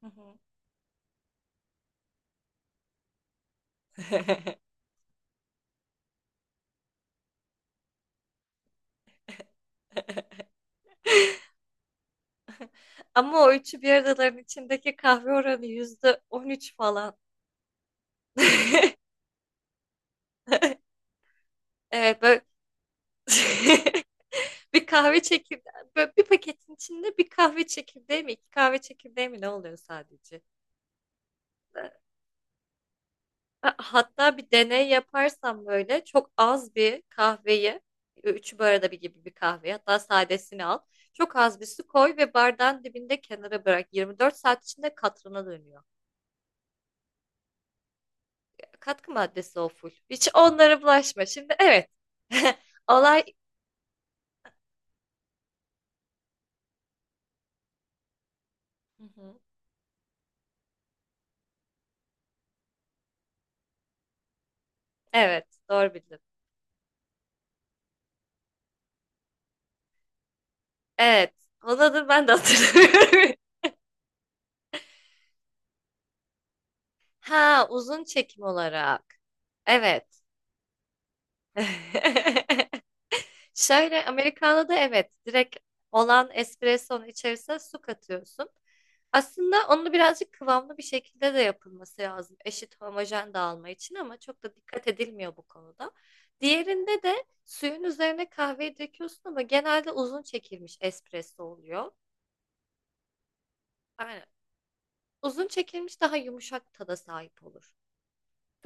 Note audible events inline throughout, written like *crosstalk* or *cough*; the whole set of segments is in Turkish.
Hı hı. *laughs* Ama o üçü bir aradaların içindeki kahve oranı %13 falan. *laughs* Evet böyle *laughs* bir kahve çekirdeği böyle bir paketin içinde bir kahve çekirdeği mi iki kahve çekirdeği mi ne oluyor sadece? Hatta bir deney yaparsam böyle çok az bir kahveyi, üç bu arada bir gibi bir kahveyi hatta sadesini al. Çok az bir su koy ve bardağın dibinde kenara bırak. 24 saat içinde katrına dönüyor. Katkı maddesi o full. Hiç onlara bulaşma. Şimdi evet. *laughs* Olay... Hı hı. Evet, doğru bildin. Evet. Onun adını ben de hatırlamıyorum. *laughs* Ha, uzun çekim olarak. Evet. *laughs* Şöyle Americano'da evet direkt olan espressonun içerisine su katıyorsun. Aslında onu birazcık kıvamlı bir şekilde de yapılması lazım. Eşit homojen dağılma için ama çok da dikkat edilmiyor bu konuda. Diğerinde de suyun üzerine kahveyi döküyorsun ama genelde uzun çekilmiş espresso oluyor. Aynen. Uzun çekilmiş daha yumuşak tada sahip olur.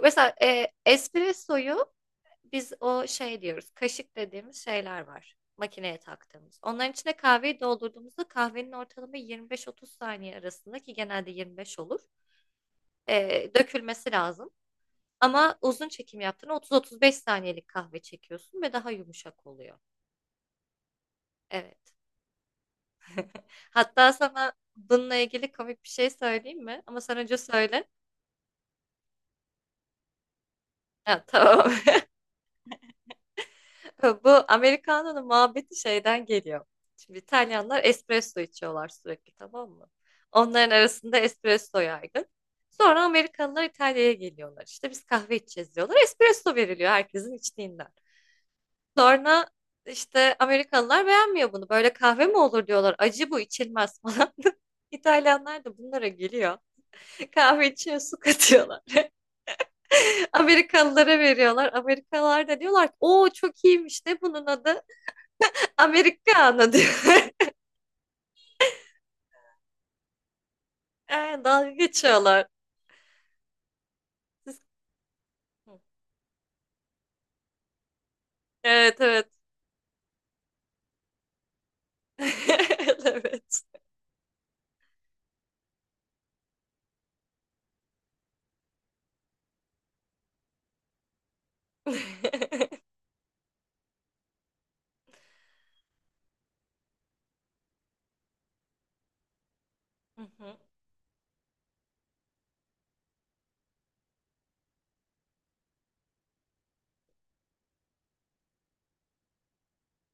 Mesela espressoyu biz o şey diyoruz, kaşık dediğimiz şeyler var. Makineye taktığımız. Onların içine kahveyi doldurduğumuzda kahvenin ortalama 25-30 saniye arasında ki genelde 25 olur. Dökülmesi lazım. Ama uzun çekim yaptığında 30-35 saniyelik kahve çekiyorsun ve daha yumuşak oluyor. Evet. Hatta sana bununla ilgili komik bir şey söyleyeyim mi? Ama sen önce söyle. Ha, tamam. *laughs* Bu Americano'nun muhabbeti şeyden geliyor. Şimdi İtalyanlar espresso içiyorlar sürekli, tamam mı? Onların arasında espresso yaygın. Sonra Amerikalılar İtalya'ya geliyorlar. İşte biz kahve içeceğiz diyorlar. Espresso veriliyor herkesin içtiğinden. Sonra işte Amerikalılar beğenmiyor bunu. Böyle kahve mi olur diyorlar. Acı, bu içilmez falan. *laughs* İtalyanlar da bunlara geliyor. Kahve içine su katıyorlar. *laughs* Amerikalılara veriyorlar. Amerikalılar da diyorlar ki o çok iyiymiş de bunun adı. Amerikano diyor. *laughs* Aynen, dalga geçiyorlar. Siz- Evet, evet. *laughs* Evet. *laughs* Hı hı.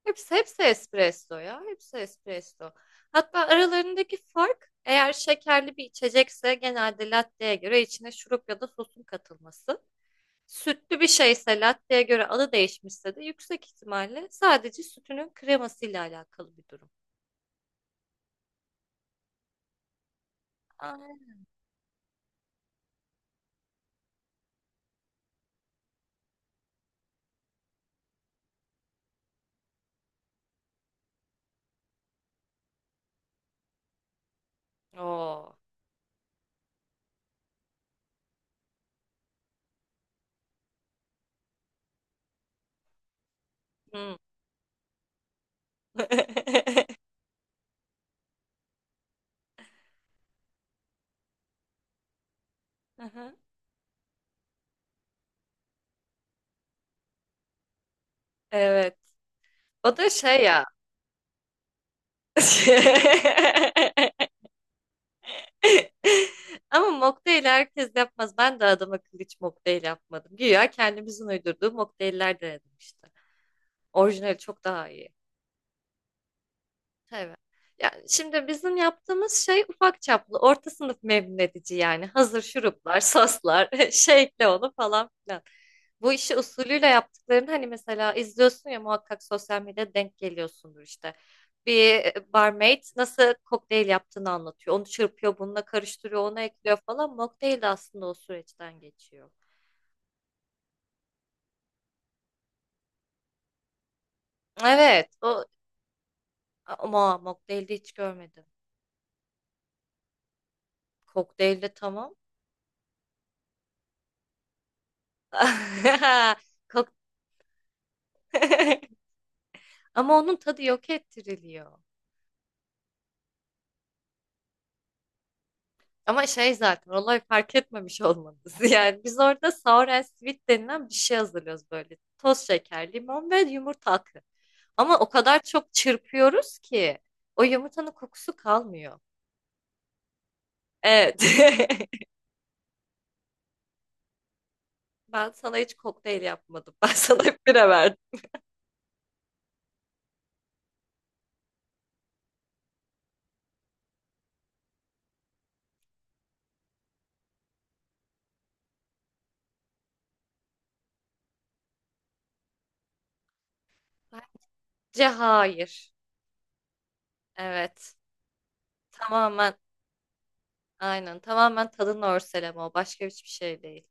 Hepsi, hepsi espresso ya. Hepsi espresso. Hatta aralarındaki fark, eğer şekerli bir içecekse genelde latte'ye göre içine şurup ya da sosun katılması. Sütlü bir şeyse latte'ye göre adı değişmişse de yüksek ihtimalle sadece sütünün kremasıyla alakalı bir durum. Aynen. Oo. Hı. *laughs* Aha, evet. O da şey ya. *laughs* Ama mocktail herkes yapmaz. Ben de adam akıllı hiç mocktail yapmadım. Güya kendimizin uydurduğu mocktailler denedim işte. Orijinali çok daha iyi. Evet. Yani şimdi bizim yaptığımız şey ufak çaplı, orta sınıf memnun edici yani. Hazır şuruplar, soslar, *laughs* şey ekle onu falan filan. Bu işi usulüyle yaptıklarını hani mesela izliyorsun ya, muhakkak sosyal medyada denk geliyorsundur işte. Bir barmaid nasıl kokteyl yaptığını anlatıyor. Onu çırpıyor, bununla karıştırıyor, ona ekliyor falan. Mocktail de aslında o süreçten geçiyor. Evet, o ama mocktail'de hiç görmedim. Kokteylde tamam. *laughs* Kok *laughs* Ama onun tadı yok ettiriliyor. Ama şey, zaten olay fark etmemiş olmanız. *laughs* Yani biz orada sour and sweet denilen bir şey hazırlıyoruz böyle. Toz şeker, limon ve yumurta akı. Ama o kadar çok çırpıyoruz ki o yumurtanın kokusu kalmıyor. Evet. *laughs* Ben sana hiç kokteyl yapmadım. Ben sana hep bira verdim. Bence hayır. Evet. Tamamen aynen. Tamamen tadın örseleme o. Başka hiçbir şey değil.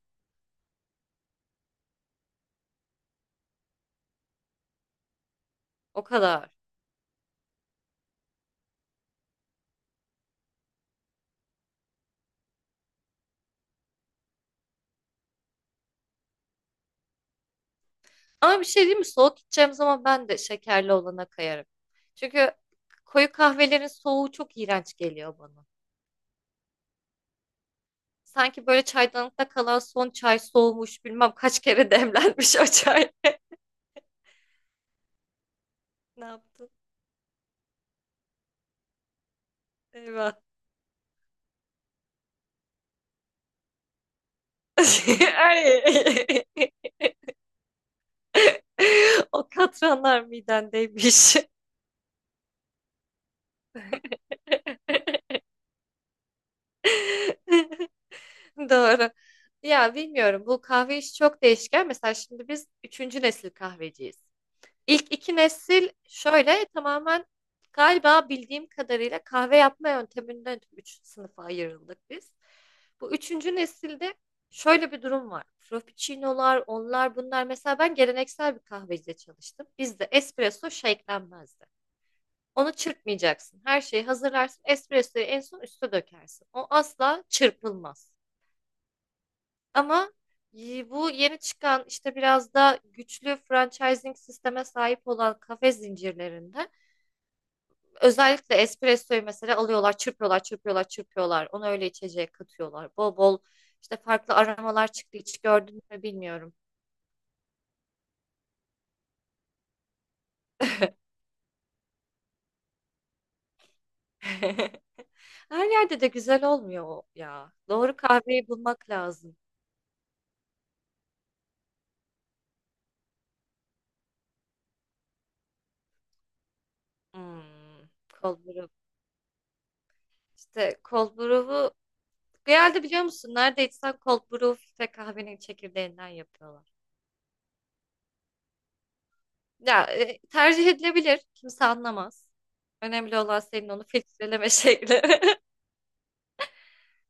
O kadar. Ama bir şey diyeyim mi? Soğuk içeceğim zaman ben de şekerli olana kayarım. Çünkü koyu kahvelerin soğuğu çok iğrenç geliyor bana. Sanki böyle çaydanlıkta kalan son çay, soğumuş bilmem kaç kere *laughs* demlenmiş o çay. *laughs* Ne yaptın? Eyvah. *laughs* Ay. *laughs* O katranlar midendeymiş. *laughs* Doğru. Ya bilmiyorum, bu kahve işi çok değişken. Mesela şimdi biz üçüncü nesil kahveciyiz. İlk iki nesil şöyle tamamen, galiba bildiğim kadarıyla kahve yapma yönteminden üç sınıfa ayrıldık biz. Bu üçüncü nesilde şöyle bir durum var. Frappuccino'lar, onlar bunlar. Mesela ben geleneksel bir kahvecide çalıştım. Bizde espresso shake'lenmezdi. Onu çırpmayacaksın. Her şeyi hazırlarsın. Espressoyu en son üste dökersin. O asla çırpılmaz. Ama bu yeni çıkan işte biraz da güçlü franchising sisteme sahip olan kafe zincirlerinde özellikle espressoyu mesela alıyorlar, çırpıyorlar, çırpıyorlar, çırpıyorlar. Onu öyle içeceğe katıyorlar. Bol bol işte farklı aromalar çıktı. Hiç gördün mü bilmiyorum. *laughs* Her yerde de güzel olmuyor o ya. Doğru kahveyi bulmak lazım. Hmm, cold brew. İşte cold brew'u genelde biliyor musun? Nerede içsen cold brew ve kahvenin çekirdeğinden yapıyorlar. Ya tercih edilebilir. Kimse anlamaz. Önemli olan senin onu filtreleme şekli. *laughs*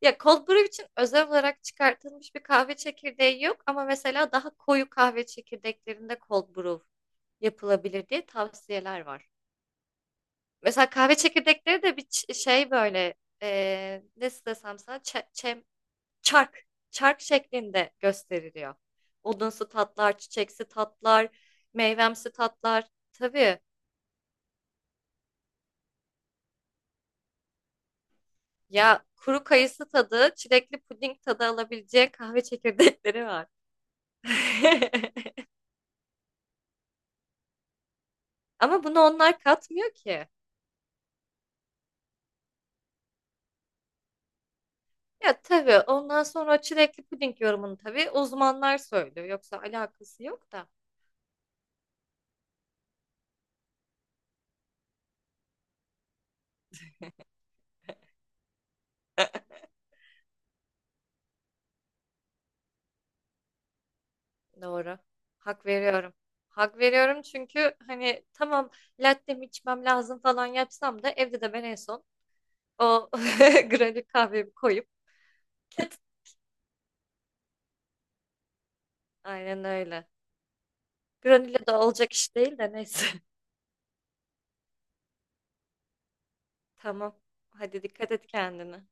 Ya cold brew için özel olarak çıkartılmış bir kahve çekirdeği yok ama mesela daha koyu kahve çekirdeklerinde cold brew yapılabilir diye tavsiyeler var. Mesela kahve çekirdekleri de bir şey böyle, nasıl desem sana, çark çark şeklinde gösteriliyor. Odunsu tatlar, çiçeksi tatlar, meyvemsi tatlar. Tabii ya, kuru kayısı tadı, çilekli puding tadı alabileceği kahve çekirdekleri var. *laughs* Ama bunu onlar katmıyor ki. Ya tabii ondan sonra çilekli puding yorumunu tabii uzmanlar söylüyor. Yoksa alakası yok da. Doğru. Hak veriyorum. Hak veriyorum, çünkü hani tamam, latte mi içmem lazım falan yapsam da evde de ben en son o *laughs* granül kahvemi koyup aynen öyle. Granüle de olacak iş değil de neyse. *laughs* Tamam. Hadi dikkat et kendine.